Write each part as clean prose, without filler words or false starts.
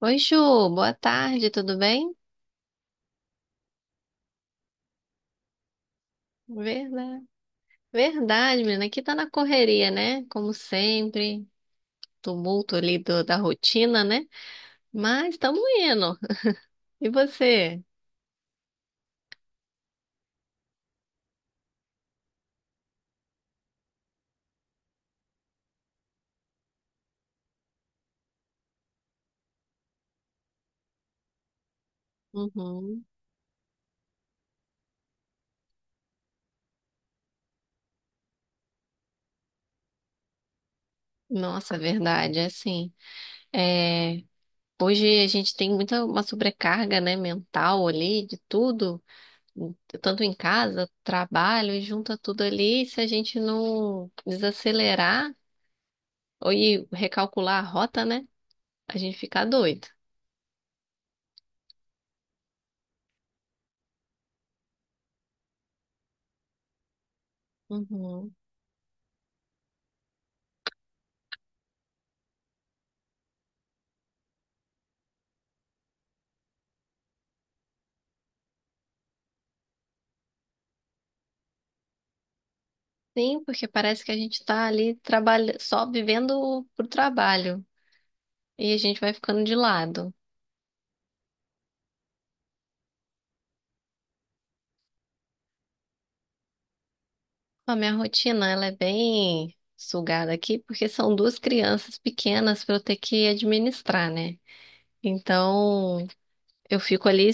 Oi, Ju, boa tarde, tudo bem? Verdade, verdade, menina, aqui tá na correria, né? Como sempre, tumulto ali da rotina, né? Mas estamos indo. E você? Uhum. Nossa, verdade, assim, é, hoje a gente tem muita uma sobrecarga, né, mental ali de tudo, tanto em casa, trabalho, e junta tudo ali, e se a gente não desacelerar ou recalcular a rota, né, a gente fica doido. Uhum. Sim, porque parece que a gente tá ali só vivendo pro trabalho e a gente vai ficando de lado. A minha rotina, ela é bem sugada aqui, porque são duas crianças pequenas para eu ter que administrar, né? Então, eu fico ali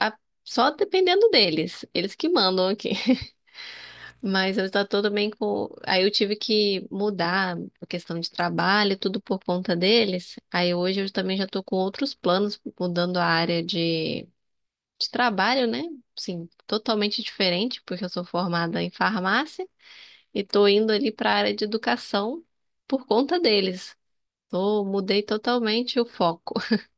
a- só dependendo deles, eles que mandam aqui. Mas eu já tô bem com. Aí eu tive que mudar a questão de trabalho, tudo por conta deles. Aí hoje eu também já tô com outros planos, mudando de trabalho, né? Sim, totalmente diferente, porque eu sou formada em farmácia e tô indo ali para a área de educação por conta deles. Tô, mudei totalmente o foco.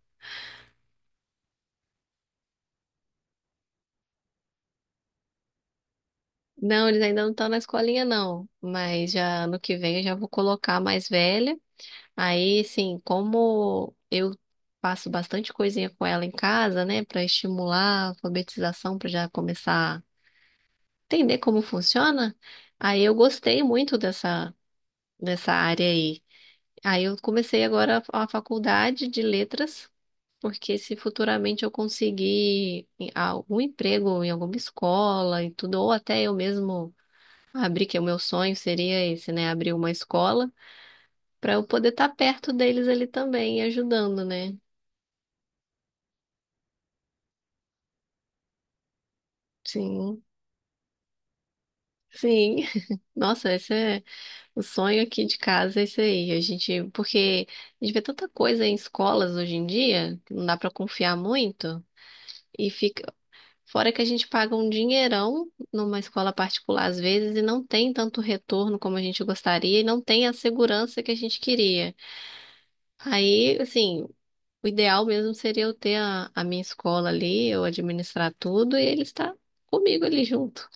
Não, eles ainda não estão na escolinha, não. Mas já ano que vem eu já vou colocar a mais velha. Aí, sim, como eu faço bastante coisinha com ela em casa, né, para estimular a alfabetização, para já começar a entender como funciona, aí eu gostei muito dessa área aí. Aí eu comecei agora a faculdade de letras, porque se futuramente eu conseguir algum emprego em alguma escola e tudo, ou até eu mesmo abrir, que o meu sonho seria esse, né, abrir uma escola, para eu poder estar perto deles ali também, ajudando, né? Sim, sim. Nossa, esse é o sonho aqui de casa, é isso aí. A gente, porque a gente vê tanta coisa em escolas hoje em dia, que não dá pra confiar muito, e fica, fora que a gente paga um dinheirão numa escola particular às vezes e não tem tanto retorno como a gente gostaria e não tem a segurança que a gente queria. Aí, assim, o ideal mesmo seria eu ter a minha escola ali, eu administrar tudo e ele estar comigo ali junto.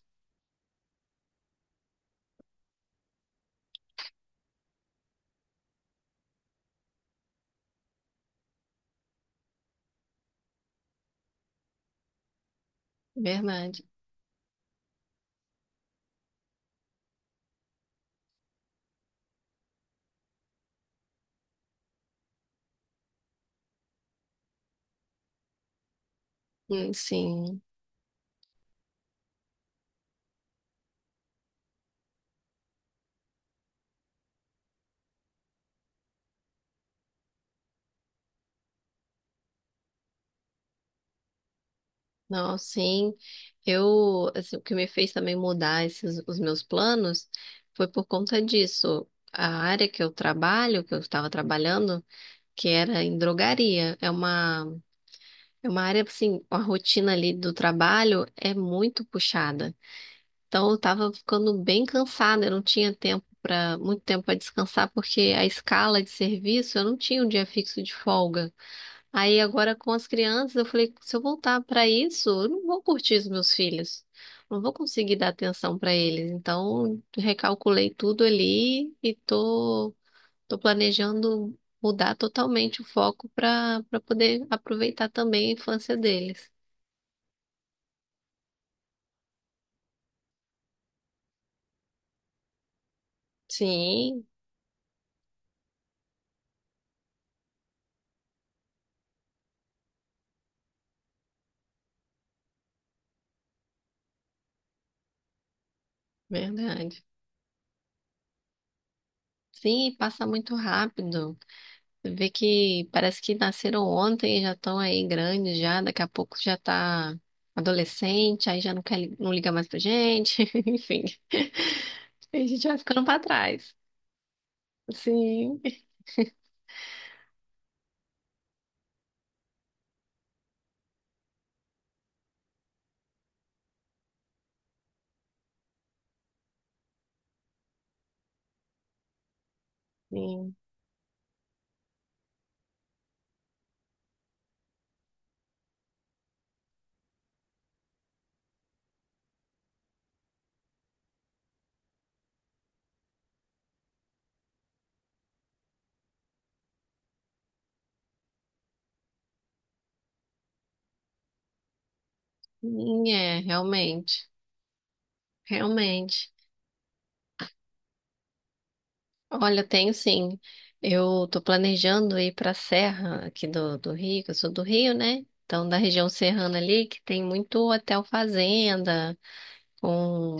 Verdade. Sim. Não, sim. Eu, assim, o que me fez também mudar os meus planos foi por conta disso. A área que eu estava trabalhando, que era em drogaria, é uma área, assim, a rotina ali do trabalho é muito puxada. Então, eu estava ficando bem cansada, eu não tinha muito tempo para descansar, porque a escala de serviço, eu não tinha um dia fixo de folga. Aí agora com as crianças, eu falei, se eu voltar para isso, eu não vou curtir os meus filhos. Não vou conseguir dar atenção para eles. Então, recalculei tudo ali e tô planejando mudar totalmente o foco para poder aproveitar também a infância deles. Sim, verdade. Sim, passa muito rápido. Você vê que parece que nasceram ontem, e já estão aí grandes já, daqui a pouco já tá adolescente, aí já não quer, não liga mais pra gente, enfim. A gente vai ficando pra trás. Sim, sim. É, realmente, realmente. Olha, eu tenho sim. Eu tô planejando ir pra Serra aqui do Rio, que eu sou do Rio, né? Então, da região serrana ali, que tem muito hotel fazenda, com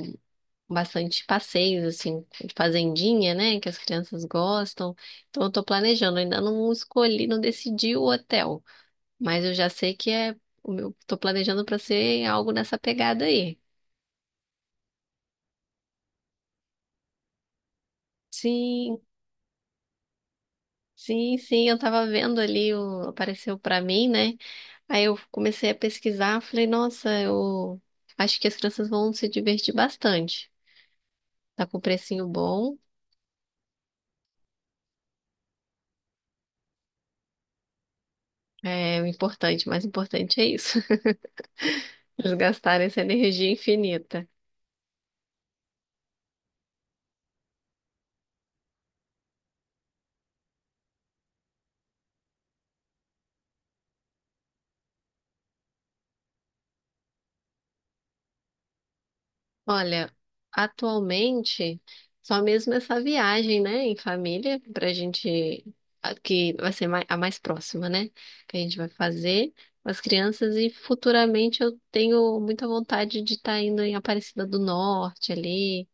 bastante passeios, assim, de fazendinha, né? Que as crianças gostam. Então, eu tô planejando. Ainda não escolhi, não decidi o hotel, mas eu já sei que é. Tô planejando para ser algo nessa pegada aí. Sim, sim, sim. Eu tava vendo ali, apareceu para mim, né? Aí eu comecei a pesquisar, falei, nossa, eu acho que as crianças vão se divertir bastante. Tá com um precinho bom. É o importante, o mais importante é isso. Eles gastarem essa energia infinita. Olha, atualmente, só mesmo essa viagem, né, em família, pra gente, que vai ser a mais próxima, né, que a gente vai fazer com as crianças e futuramente eu tenho muita vontade de estar indo em Aparecida do Norte ali,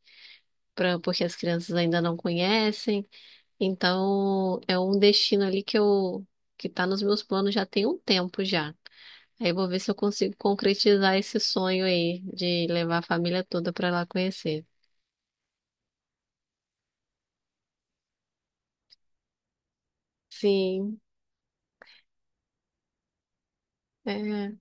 pra, porque as crianças ainda não conhecem, então é um destino ali que que tá nos meus planos já tem um tempo já. Aí eu vou ver se eu consigo concretizar esse sonho aí de levar a família toda para lá conhecer. Sim, é,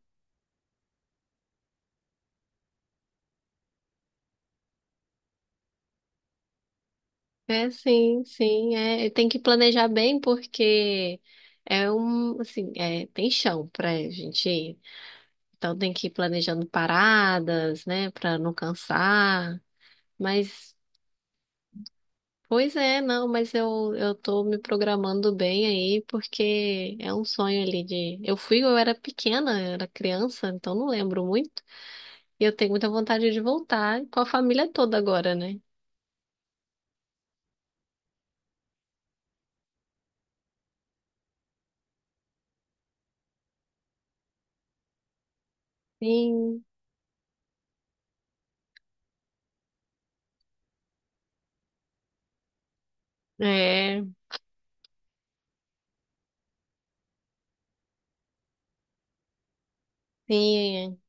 é sim, sim, e tem que planejar bem porque é um, assim, é, tem chão pra gente ir. Então tem que ir planejando paradas, né, pra não cansar. Mas, pois é, não, mas eu tô me programando bem aí porque é um sonho ali de, eu fui, eu era pequena, eu era criança, então não lembro muito. E eu tenho muita vontade de voltar com a família toda agora, né? Sim, é. Sim, é.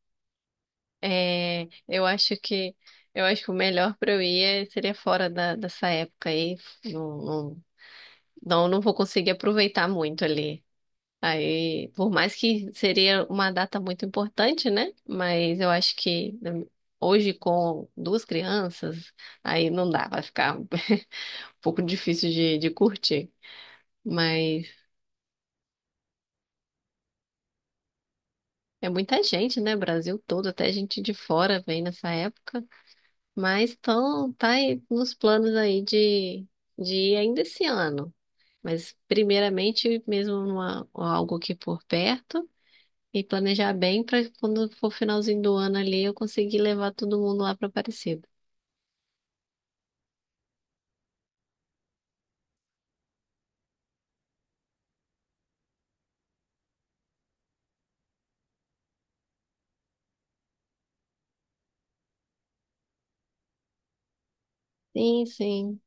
É, eu acho que o melhor para eu ir seria fora dessa época aí. Não, não, não, não vou conseguir aproveitar muito ali. Aí, por mais que seria uma data muito importante, né? Mas eu acho que né, hoje com duas crianças, aí não dá, vai ficar um pouco difícil de curtir. Mas é muita gente, né? Brasil todo, até gente de fora vem nessa época. Mas tão, tá aí nos planos aí de ir ainda esse ano. Mas primeiramente mesmo numa, algo aqui por perto e planejar bem para quando for finalzinho do ano ali eu conseguir levar todo mundo lá para Aparecida. Sim, sim.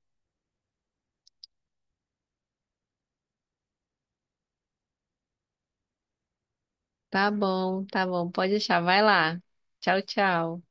Tá bom, tá bom. Pode deixar. Vai lá. Tchau, tchau.